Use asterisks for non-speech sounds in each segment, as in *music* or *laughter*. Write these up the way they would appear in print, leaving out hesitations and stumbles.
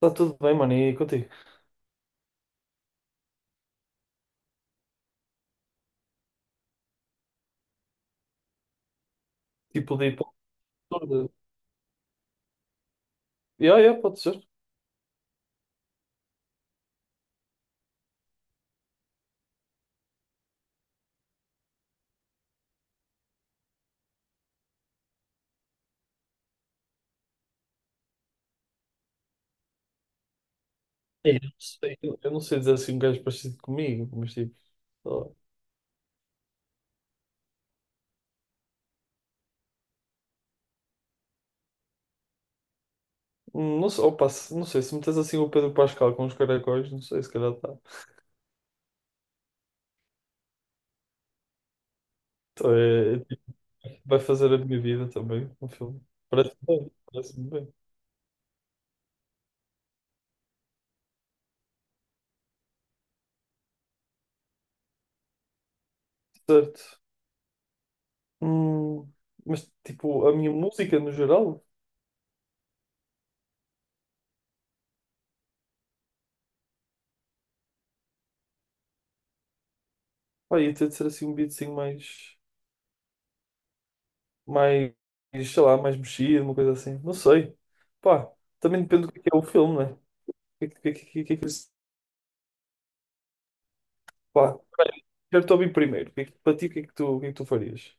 Está tudo bem, mano, e contigo? Tipo de hipótese. Yeah, yeah, pode ser. Eu não sei, eu não sei dizer assim um gajo parecido comigo, mas tipo. só- Não sei, opa, não sei, se metes assim o Pedro Pascal com os caracóis, não sei, se calhar está. Então, é tipo, vai fazer a minha vida também, um filme. Parece-me bem, parece-me bem. Certo. Hum, mas tipo, a minha música no geral, pá, ia ter de ser assim um beatzinho mais, mais, sei lá, mais mexido, uma coisa assim. Não sei. Pá, também depende do que é o filme, né? que, que, que, que, que, pá, eu estou bem primeiro. Para ti, o que é que tu, o que é que tu farias?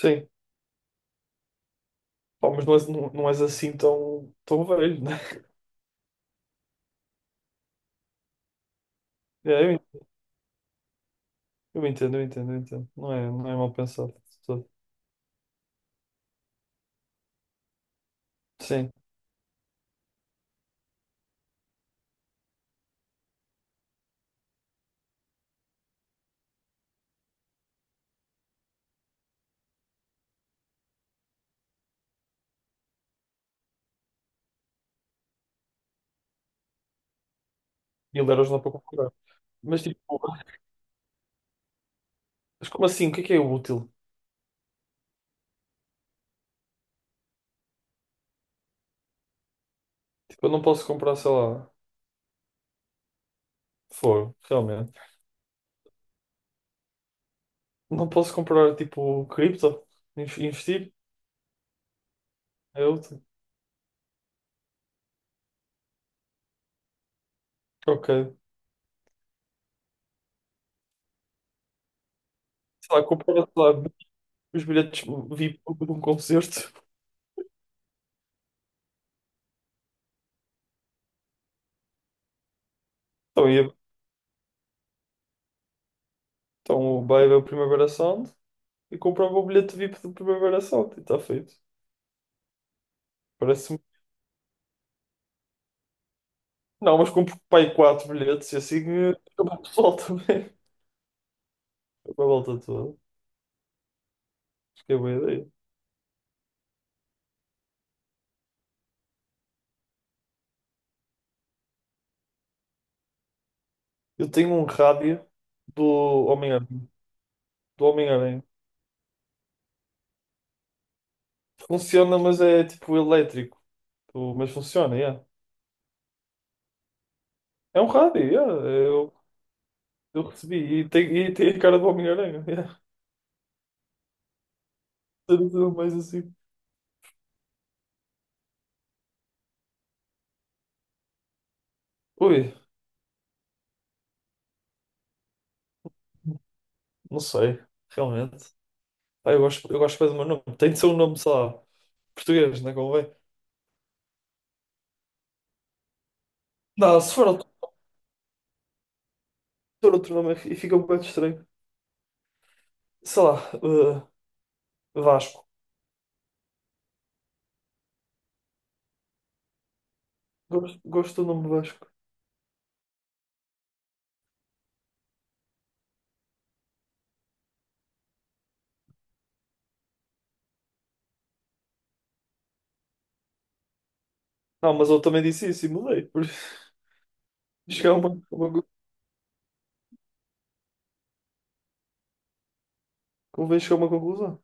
Sim, pá, mas não és, não és assim tão, tão velho, né? *laughs* É, eu, en- eu entendo, eu entendo, eu entendo. Não é, não é mal pensado. Só- Sim, mil euros não dá para comprar. Mas tipo, mas como assim? O que é útil? Tipo, eu não posso comprar, sei lá, foro, realmente. Não posso comprar, tipo, cripto, investir? É útil. Ok. Sei lá, comprar, sei lá, os bilhetes VIP de um concerto. *laughs* Então o vai ver o Primavera Sound e comprava o bilhete VIP do Primavera Sound e está feito. Parece-me. Não, mas compro pai quatro bilhetes e assim acaba o pessoal também. *laughs* Acaba a volta toda. Acho que é boa ideia. Eu tenho um rádio do Homem-Aranha. Do Homem-Aranha. Funciona, mas é tipo elétrico. Mas funciona, yeah. É um rádio, yeah. Eu recebi. E tem a cara do Homem-Aranha. Yeah. *laughs* Tudo mais assim. Ui, não sei. Realmente. Pá, eu gosto bem do meu nome. Tem de ser um nome, sei lá, português, não é? Não, se for outro, se for outro nome e fica um bocado estranho. Sei lá, eh, Vasco. Gosto, gosto do nome Vasco. Não, mas eu também disse isso e mudei. Por isso, *laughs* chegar a uma, convém chegar a uma conclusão.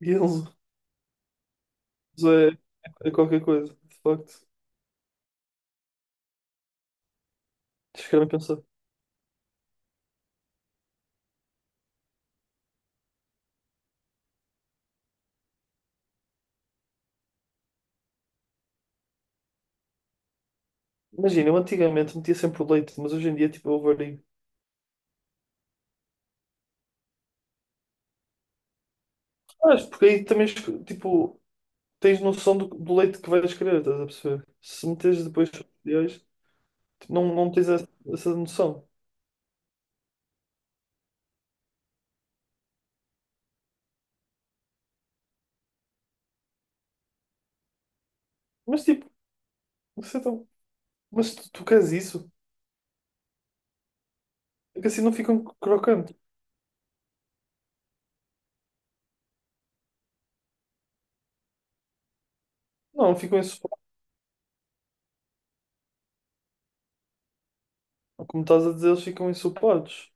E eles é, é qualquer coisa, de facto. Chegaram a pensar. Imagina, eu antigamente metia sempre o leite, mas hoje em dia tipo, eu vario. Mas porque aí também tipo, tens noção do, do leite que vais querer, estás a perceber? Se meteres depois os cereais, tipo, não, não tens essa, essa noção. Mas tipo, você tá- mas tu, tu queres isso? É que assim não ficam crocantes. Não, ficam ensopados. Como estás a dizer, eles ficam ensopados.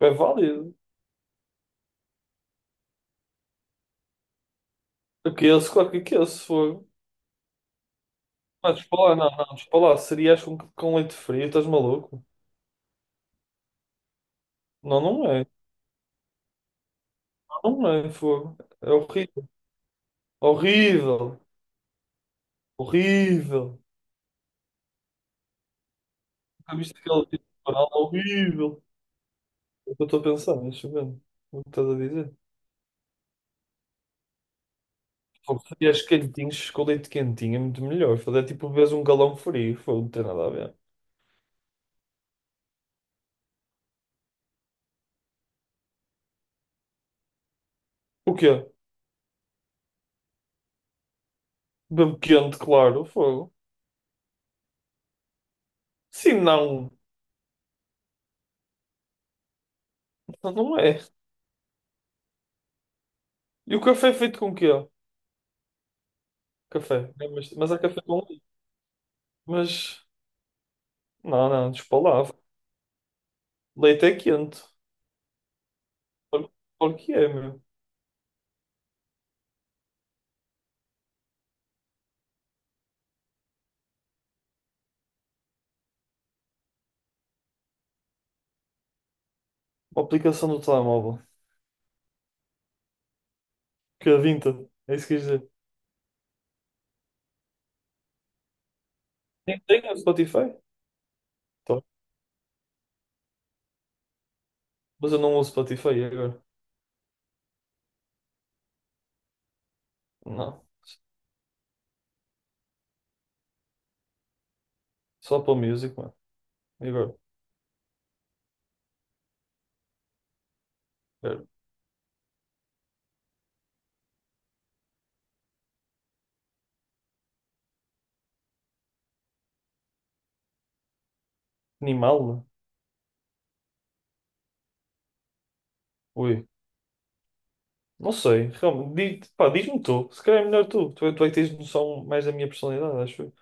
É válido. Aqueles, claro que aqueles, se for. Mas despa lá, não, despa lá. Cereais com leite frio, estás maluco? Não, não é. Não, não é, fogo. É horrível. Horrível. Horrível. Nunca viste aquele tipo de canal horrível. É o que eu estou a pensar, mas vendo. O que estás a dizer? Fogo, cereais quentinhos com leite quentinho é muito melhor. Fogo, é tipo, vês um galão frio. Fogo, não tem nada a ver. O quê? Bem quente, claro, fogo. Sim, não. Não é. E o café é feito com o quê? Café. Mas há café com leite. Mas. Não, despalavra. Leite é quente. Claro claro que é, meu. Uma aplicação do telemóvel. Que é Vinta. É isso que quis dizer. Tem, tem o Spotify? Tá. Mas eu não uso Spotify agora. Não. Só para Music, mano. E agora? É, Animal? Ui. Não sei. Realmente. Diz, pá, diz-me tu. Se calhar é melhor tu. Tu é que tens noção mais da minha personalidade, acho eu.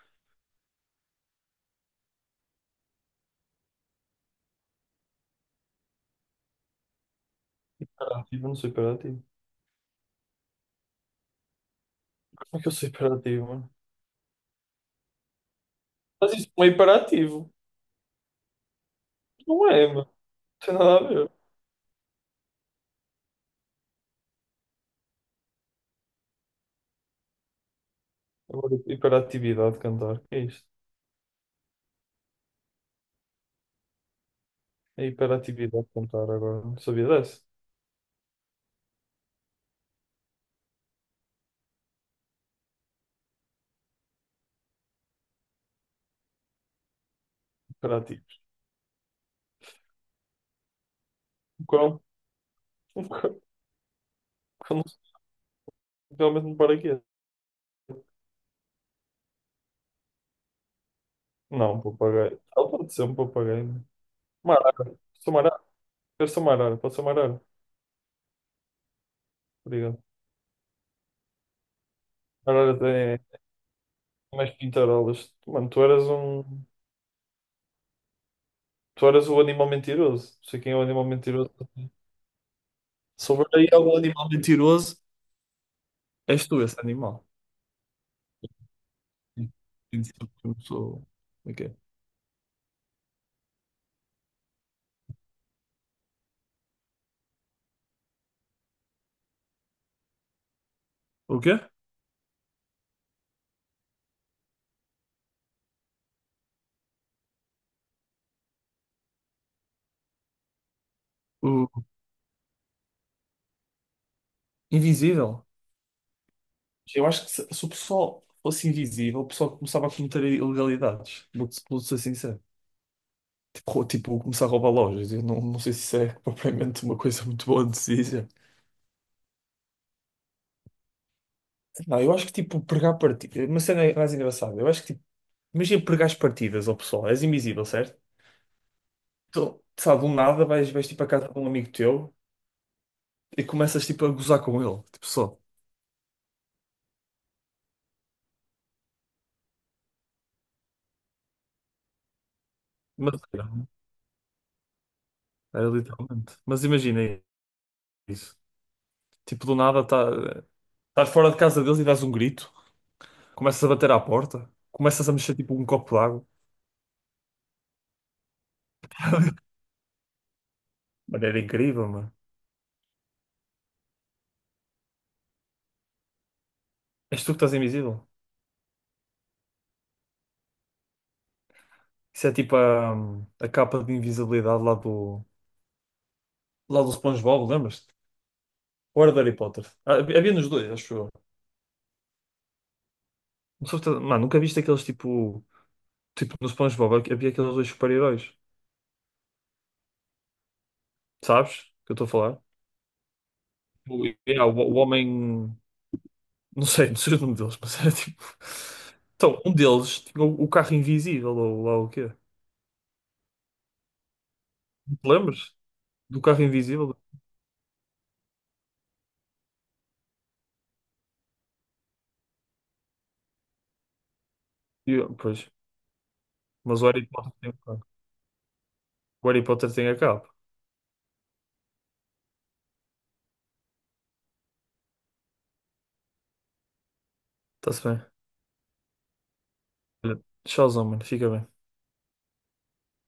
Hiperativo, eu não sou hiperativo. Como é que eu sou hiperativo, mano? Mas isso não é hiperativo. Não é, mano. Não tem nada a ver. Agora, hiperatividade cantar. Que é isto? É hiperatividade cantar agora. Não sabia dessa? Hiperativo. Um cão. Um cão. Cão não- Realmente um paraquedas. Não, um papagaio. Ela pode ser um papagaio. Né? Uma arara. Sou uma arara. Eu sou uma arara. Pode ser uma arara. Obrigado. Arara tem mais pintarolas. Mano, tu eras um... Tu eras o animal mentiroso. Não sei quem é o animal mentiroso. Se houver aí algum animal mentiroso, és tu esse animal. Tem de ser eu sou. Como é que é? O quê? O... Invisível. Eu acho que se o pessoal fosse invisível, o pessoal começava a cometer ilegalidades. Vou-te ser sincero. Tipo, tipo, começar a roubar lojas. Eu não, não sei se isso é *laughs* propriamente uma coisa muito boa de se dizer. Não, eu acho que tipo, pregar partidas. Uma cena mais engraçada. Eu acho que tipo, imagina pregar as partidas ao pessoal. És invisível, certo? Então, sabe, do nada vais tipo a casa de um amigo teu e começas tipo a gozar com ele. Tipo, só. Mas era, era literalmente. Mas imagina aí. Isso. Tipo, do nada estás fora de casa deles e dás um grito, começas a bater à porta, começas a mexer tipo um copo d'água. Mano, era incrível, mano. És tu que estás invisível. Isso é tipo a capa de invisibilidade lá do SpongeBob, lembras-te? Ou era do Harry Potter? Ah, havia nos dois, acho eu. Mano, nunca viste aqueles tipo, tipo no SpongeBob, havia aqueles dois super-heróis, sabes? O que eu estou a falar? O homem. Não sei, não sei o nome deles, *laughs* mas era tipo. Então, um deles tinha o carro invisível, ou lá o quê? Te lembras? Do carro invisível? E eu, pois, mas o Harry Potter tem o carro. O Harry Potter tem a capa. Está-se bem. Olha, Tchauzão, mano. Fica bem.